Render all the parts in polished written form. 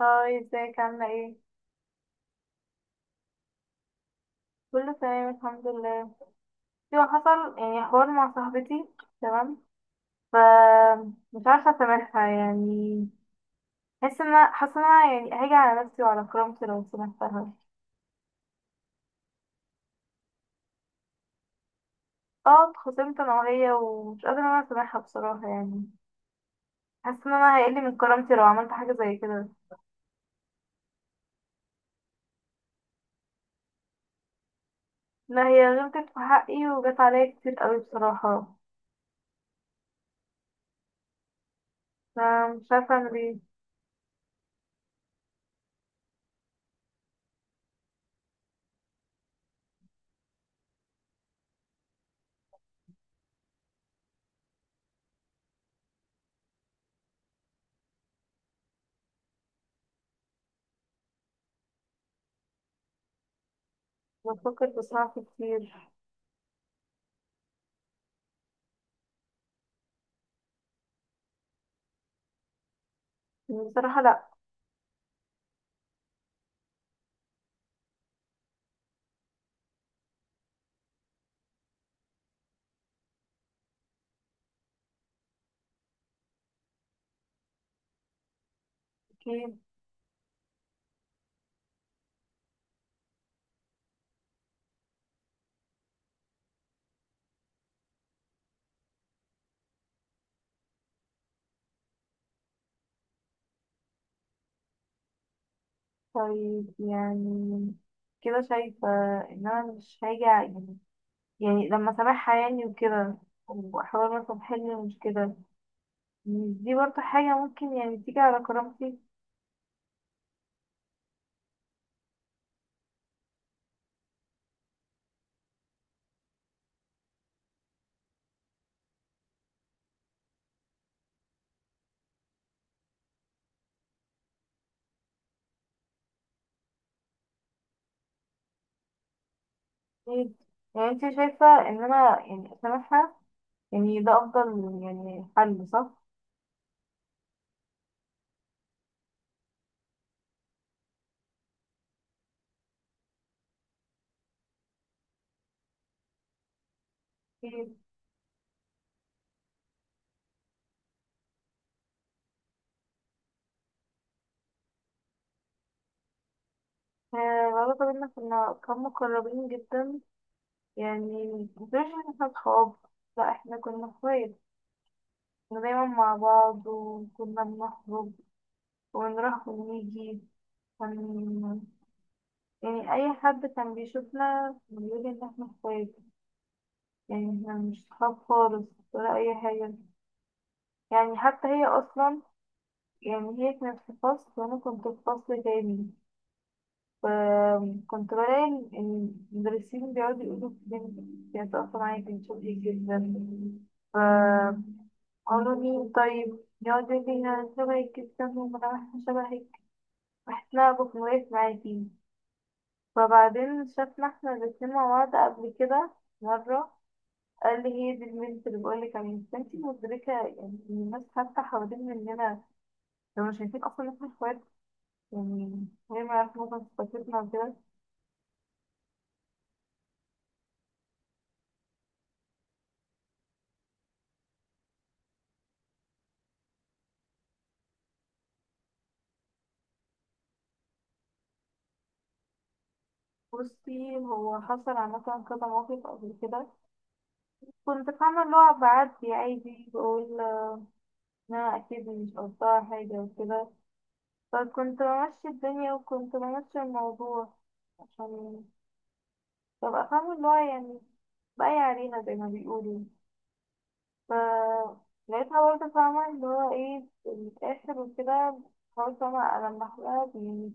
هاي، ازيك؟ عاملة ايه؟ كله تمام، الحمد لله. ايوه، حصل يعني حوار مع صاحبتي. تمام. ف مش عارفة اسامحها يعني. حاسة ان انا يعني هاجي على نفسي وعلى كرامتي لو سامحتها. اه، اتخاصمت انا وهي، ومش قادرة ان انا اسامحها بصراحة يعني. حاسة ان انا هيقل من كرامتي لو عملت حاجة زي كده. لا، هي غلطت في حقي وجت عليا كتير قوي بصراحة. فمش عارفة اعمل ايه. بفكر بصراحة كتير. بصراحة لا. أكيد. طيب يعني، كده شايفة إن أنا مش هاجي يعني، يعني لما سامعها يعني وكده، وأحاول مثلا أحل المشكلة. مش دي برضه حاجة ممكن يعني تيجي على كرامتي؟ إيه؟ يعني أنت شايفة إن أنا يعني أسامحها؟ يعني ده أفضل يعني حل، صح؟ طيب. آه. العلاقة بينا، كنا مقربين جدا. يعني مش إن احنا صحاب، لأ احنا كنا اخوات. كنا دايما مع بعض، وكنا بنخرج ونروح ونيجي. كان يعني أي حد كان بيشوفنا بيقول إن إحنا إخوات. يعني إحنا مش صحاب خالص ولا أي حاجة. يعني حتى هي أصلا يعني، هي كانت في فصل وأنا كنت في فصل تاني. فكنت بلاقي إن المدرسين بيقعدوا يقولوا في بنتي كانت أصلا معايا كانت شاطرة جدا. فقالوا لي طيب، يقعد يقول لي أنا شبهك جدا وأنا شبهك، وإحنا بنوقف معاكي. فبعدين شافنا احنا الاتنين مع بعض قبل كده مرة، قال لي هي دي البنت اللي بقول لك عليها، بس انتي مدركة يعني إن الناس حتى حوالين مننا لو مش شايفين اصلا ان احنا اخوات، يعني هي ما يعرفوا مثلا صفاتنا وكده. بصي، هو حصل عامة كذا موقف قبل كده. كنت فاهمة اللي هو بعدي عادي بقول ان انا اكيد مش قصدها حاجة وكده، فكنت بمشي الدنيا وكنت بمشي الموضوع، عشان ببقى فاهمة اللي هو يعني بقى عليها زي ما بيقولوا. ف لقيتها برضه فاهمة اللي هو ايه، بتتأثر وكده. حاولت فاهمة ألمح لها يعني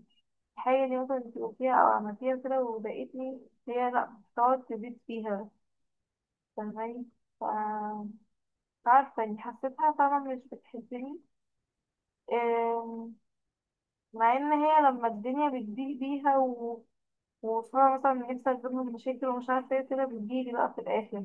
الحاجة دي، مثلا انتي قلتيها أو عملتيها كده وضايقتني. هي لأ، بتقعد تزيد فيها. فاهماني؟ ف مش عارفة يعني، حسيتها فاهمة مش بتحبني. أم، مع إن هي لما الدنيا بتضيق بيها وفاهمة مثلا نفسي أجيب من مشاكل ومش عارفة ايه كده، بتجيلي بقى في الآخر.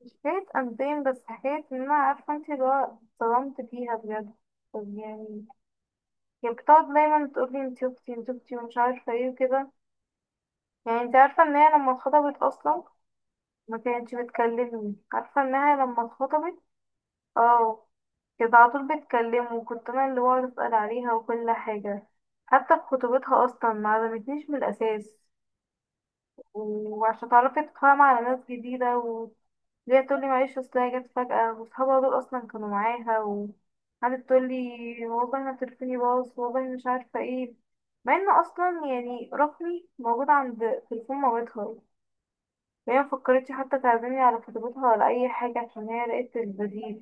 مش حكاية قلبين، بس حكاية ان انا عارفة انت اللي هو اتصدمت فيها بجد. طب يعني، هي بتقعد دايما تقولي انت اختي انت اختي ومش عارفة ايه وكده. يعني انت عارفة ان هي لما اتخطبت اصلا ما كانتش بتكلمني؟ عارفة انها لما اتخطبت، اه، كانت على طول بتكلمه، وكنت انا اللي بقعد اسأل عليها وكل حاجة. حتى في خطوبتها اصلا ما عزمتنيش من الاساس. وعشان تعرفي تتفاهم على ناس جديدة، ليه، تقول لي معلش اصل هي جت فجأة وصحابها دول اصلا كانوا معاها. وقعدت تقول لي والله انا تليفوني باظ والله مش عارفة ايه، مع ان اصلا يعني رقمي موجود عند تليفون مامتها. وهي مفكرتش حتى تعزمني على خطيبتها ولا اي حاجة، عشان هي لقيت البديل.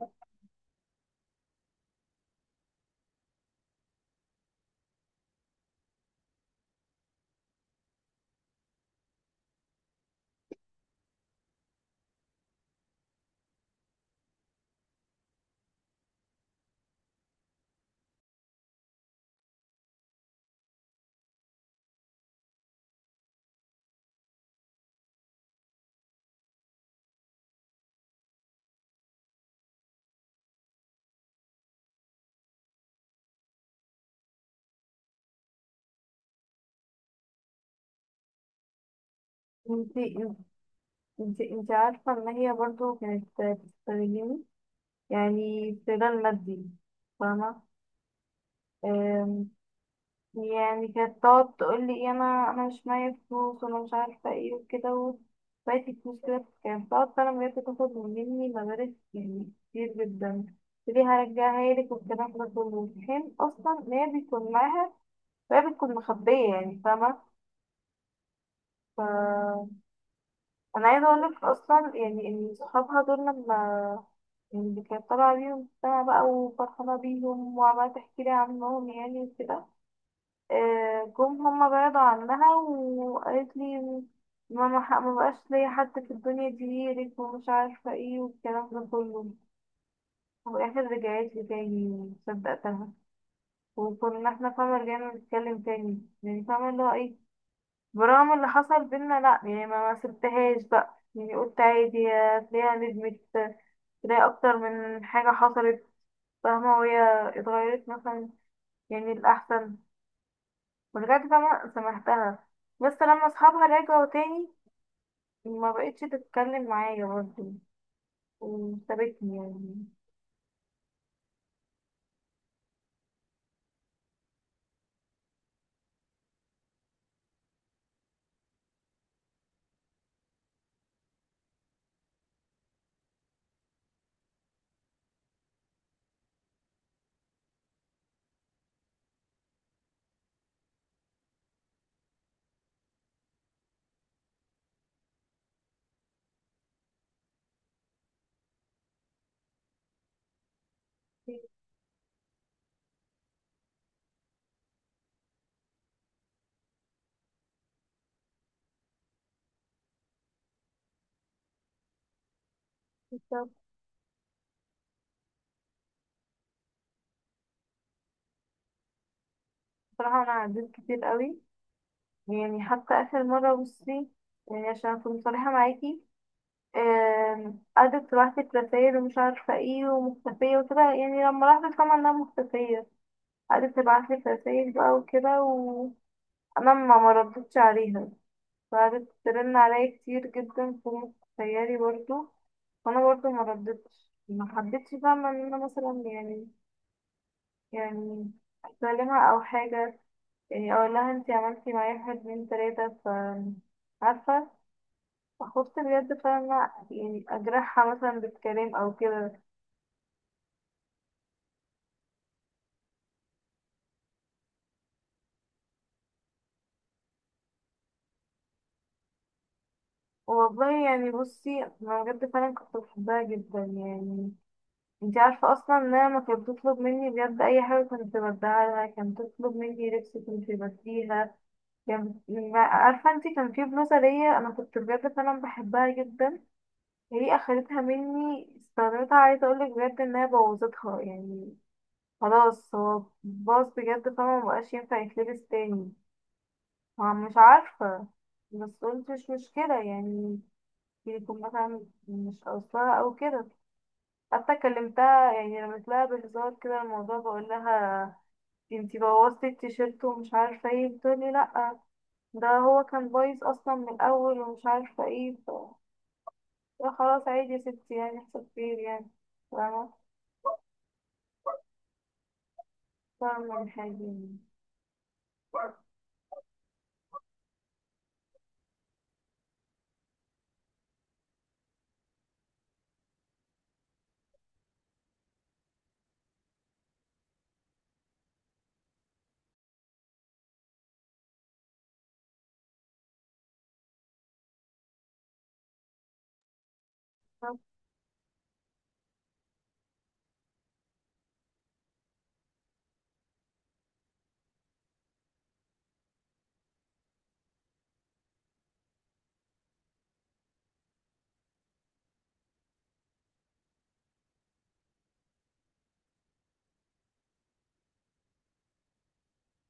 انتي انتي عارفة ان هي برضو كانت بتستغلني، يعني استغلال مادي. فاهمة؟ يعني كانت تقعد تقول لي إيه، انا مش معايا فلوس وانا مش عارفه ايه وكده، وبقيت الفلوس كده، كانت بتقعد فعلا بجد تاخد مني مبالغ يعني كتير جدا. ليه هرجعها لك والكلام ده كله، في حين اصلا ان هي بيكون معاها وهي بتكون مخبيه يعني، فاهمه؟ ف انا عايزه اقول لك اصلا يعني ان صحابها دول لما، يعني كانت طالعه بيهم السما بقى وفرحانه بيهم وعماله تحكي لي عنهم يعني وكده، آه، جم هما بعدوا عنها وقالت لي ما بقاش ليا حد في الدنيا غيرك ومش عارفة ايه والكلام ده كله. وفي الآخر رجعت لي تاني، صدقتها. وكنا احنا فاهمة رجعنا نتكلم تاني يعني، فاهمة اللي هو ايه، برغم اللي حصل بينا لأ يعني ما سبتهاش بقى، يعني قلت عادي هتلاقيها ندمت، تلاقي أكتر من حاجة حصلت. فاهمة؟ وهي اتغيرت مثلا يعني الأحسن بجد، فاهمة، سامحتها. بس لما اصحابها رجعوا تاني، ما بقتش تتكلم معايا برضه وسابتني يعني. بصراحة أنا عديت كتير قوي يعني، حتى آخر مرة بصي، يعني عشان أكون صريحة معاكي، قعدت تبعتلي رسايل ومش عارفة ايه ومختفية وكده. يعني لما لاحظت طبعا انها مختفية، قعدت تبعتلي رسايل بقى وكده، وأنا ما مردتش عليها. وقعدت ترن عليا كتير جدا فوق خيالي برضه، وانا برضه ما ردتش، ما حبيتش فاهمة ان انا مثلا يعني، يعني اكلمها او حاجة، يعني اقول لها انتي عملتي معايا واحد اتنين تلاتة. ف عارفة، خفت بجد فاهمة يعني اجرحها مثلا بالكلام او كده. والله يعني بصي، انا بجد فعلا كنت بحبها جدا يعني. انتي عارفة اصلا انها ما كانت بتطلب مني بجد اي حاجة كنت بديها لها، كانت بتطلب مني لبس كنت بديها. يعني عارفة انتي، كان في بلوزة ليا انا كنت بجد فعلا بحبها جدا، هي اخدتها مني، استخدمتها، عايزة اقولك بجد انها بوظتها يعني. خلاص، هو باظ بجد، فما مبقاش ينفع يتلبس تاني. مش عارفة، بس قلت مش مشكلة يعني، يكون مثلا مش قصدها او كده. حتى كلمتها يعني، رميت لها بهزار كده الموضوع، بقول لها انتي بوظتي التيشيرت ومش عارفة ايه. بتقولي لأ، ده هو كان بايظ اصلا من الاول ومش عارفه ايه لا خلاص، عادي يا ستي، يعني يحصل خير يعني. فاهمة؟ فاهمة الحاجة يعني.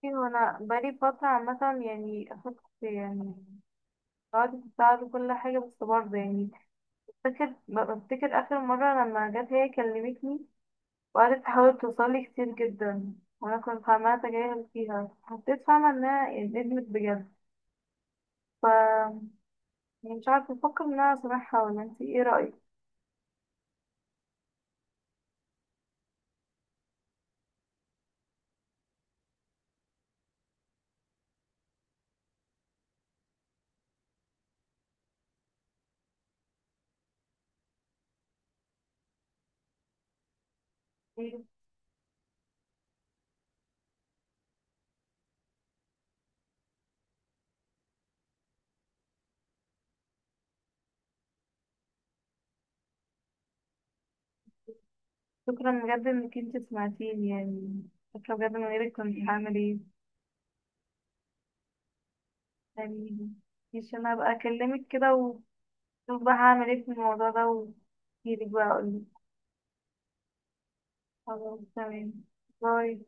بصي، هو انا بقالي فترة عامة يعني، اخدت يعني، قعدت تساعد كل حاجة، بس برضه يعني فاكر بفتكر اخر مرة لما جت هي كلمتني وقعدت تحاول توصلي كتير جدا، وانا كنت فاهمة اتجاهل فيها. حسيت فاهمة انها ندمت بجد. ف يعني مش عارفة افكر ان انا اسامحها، ولا انتي ايه رأيك؟ شكرا بجد انك انت سمعتيني يعني، شكرا بجد، من غيرك كنت هعمل ايه يعني. مش انا هبقى اكلمك كده وشوف بقى هعمل ايه في الموضوع ده، واجيلك بقى اقولك. خلاص تمام. باي.